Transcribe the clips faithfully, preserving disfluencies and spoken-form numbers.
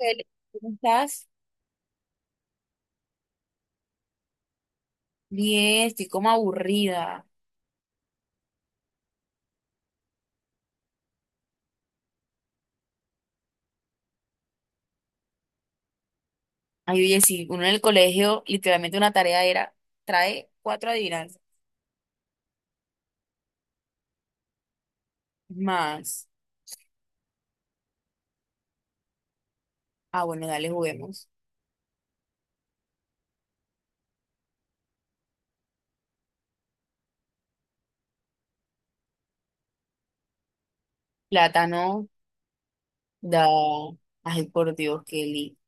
Eli, ¿cómo estás? Bien, estoy como aburrida. Ay, oye, sí, uno en el colegio, literalmente una tarea era, trae cuatro adivinanzas más. Ah, bueno, dale, juguemos. Plátano, da. Ay, por Dios, Kelly.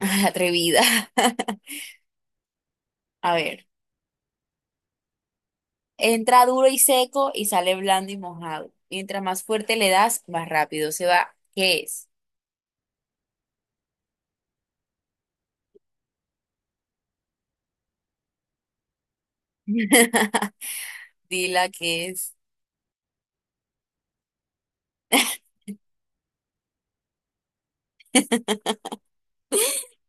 Atrevida. A ver, entra duro y seco y sale blando y mojado. Mientras más fuerte le das, más rápido se va. ¿Qué es? Dila qué es.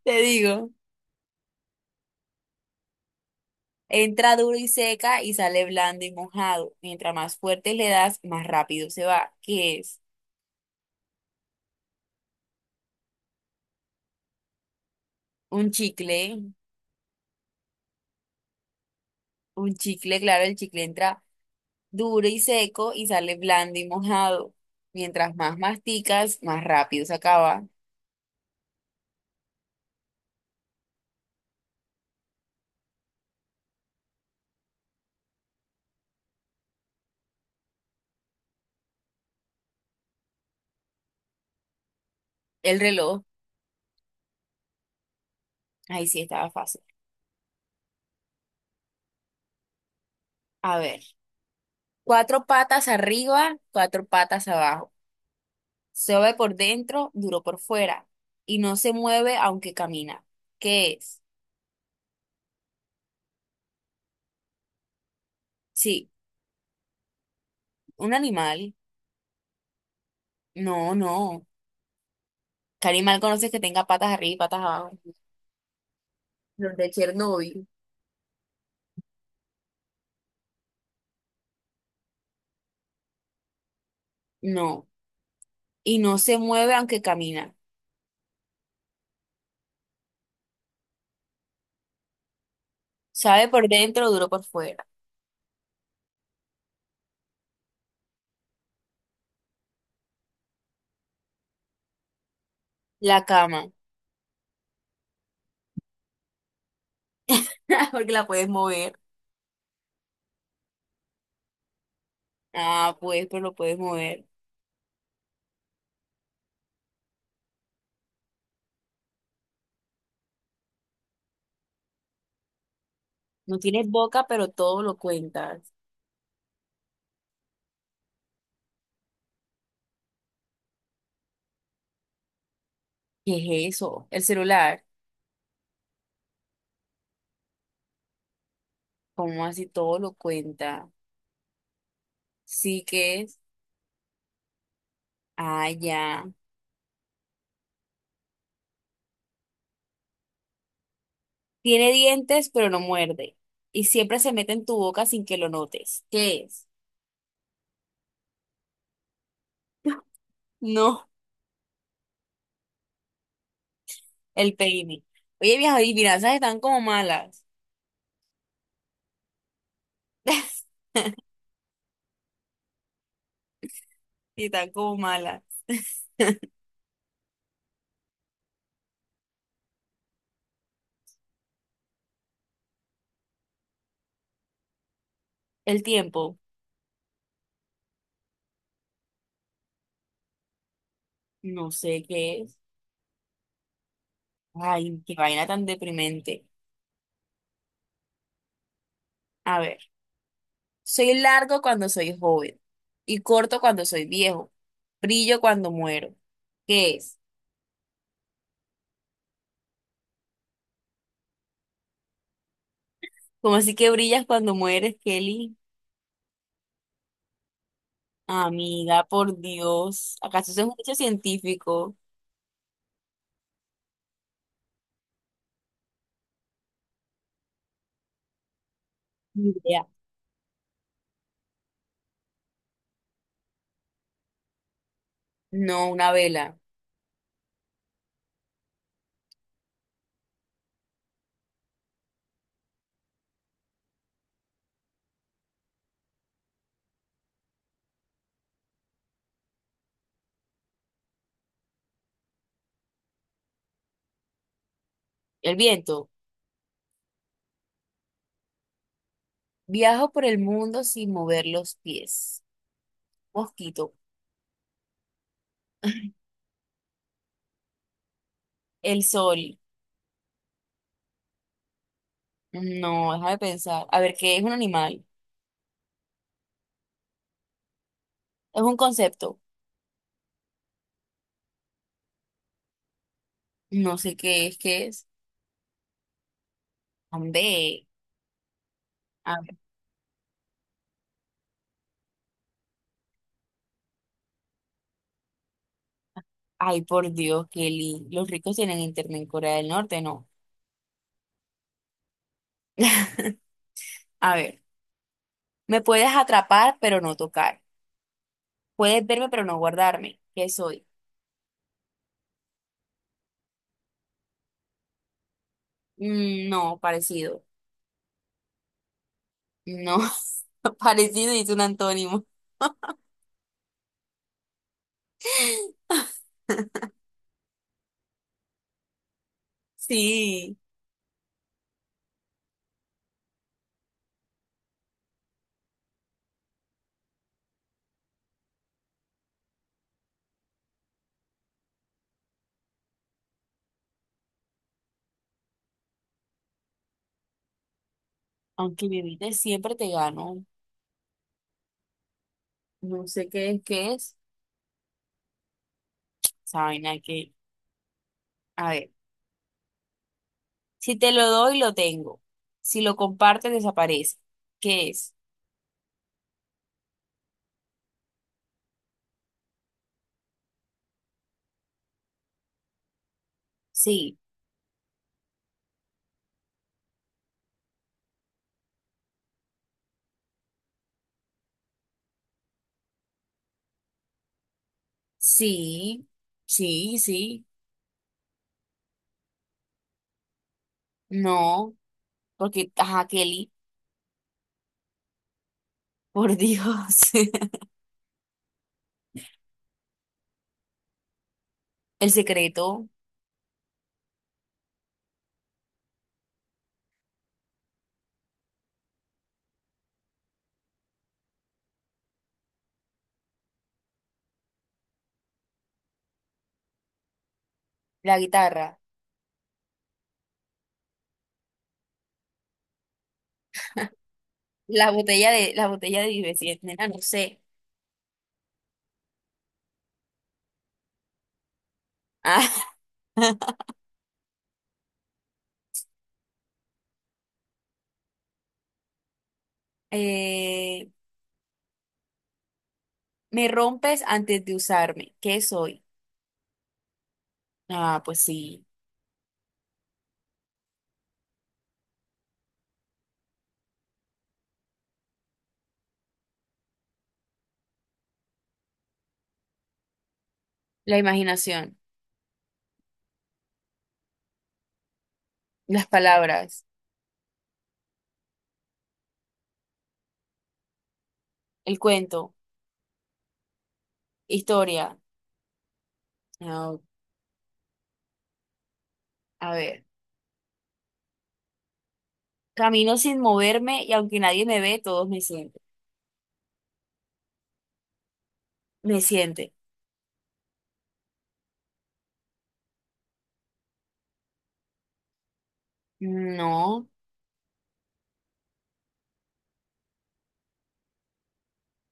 Te digo. Entra duro y seca y sale blando y mojado. Mientras más fuerte le das, más rápido se va. ¿Qué es? Un chicle. Un chicle, claro, el chicle entra duro y seco y sale blando y mojado. Mientras más masticas, más rápido se acaba. El reloj. Ahí sí estaba fácil. A ver. Cuatro patas arriba, cuatro patas abajo. Suave por dentro, duro por fuera. Y no se mueve aunque camina. ¿Qué es? Sí, un animal. No, no. ¿Qué animal conoces que tenga patas arriba y patas abajo? Los de Chernóbil. No. Y no se mueve aunque camina. Sabe por dentro, duro por fuera. La cama. Porque la puedes mover. Ah, pues, pero lo puedes mover. No tienes boca, pero todo lo cuentas. ¿Qué es eso? El celular. ¿Cómo así todo lo cuenta? Sí que es. Ah, ya. Tiene dientes, pero no muerde. Y siempre se mete en tu boca sin que lo notes. ¿Qué es? No. El baby. Oye, viejo, y finanzas están como malas. Sí, están como malas. El tiempo, no sé qué es. Ay, qué vaina tan deprimente. A ver, soy largo cuando soy joven y corto cuando soy viejo. Brillo cuando muero. ¿Qué es? ¿Cómo así que brillas cuando mueres, Kelly? Amiga, por Dios. ¿Acaso eso es un hecho científico? Ni idea. No, una vela. El viento. Viajo por el mundo sin mover los pies. Mosquito. El sol. No, deja de pensar. A ver, ¿qué es un animal? Es un concepto. No sé qué es, qué es. Ande. A- Ay, por Dios, Kelly. Los ricos tienen internet en Corea del Norte, ¿no? A ver, me puedes atrapar, pero no tocar. Puedes verme, pero no guardarme. ¿Qué soy? Mm, no, parecido. No, parecido y es un antónimo. Sí, aunque viviste siempre te gano. No sé qué es, qué es. Saben, hay que. A ver. Si te lo doy, lo tengo. Si lo compartes, desaparece. ¿Qué es? Sí, sí, sí, sí. No, porque, ajá, Kelly, por Dios. El secreto, la guitarra, la botella de, la botella de Vive nena, no sé. Ah, eh, me rompes antes de usarme. ¿Qué soy? Ah, pues sí. La imaginación, las palabras, el cuento, historia. Ah, a ver. Camino sin moverme y aunque nadie me ve, todos me sienten. Me sienten. No,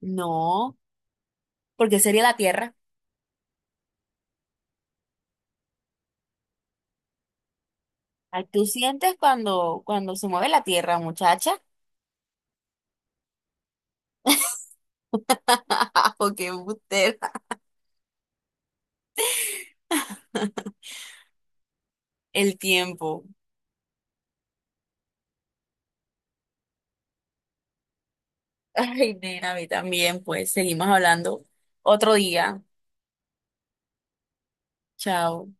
no, porque sería la tierra. Ay, ¿tú sientes cuando, cuando se mueve la tierra, muchacha? ¿O qué embustera. El tiempo. Ay, nena, a mí también, pues seguimos hablando otro día. Chao.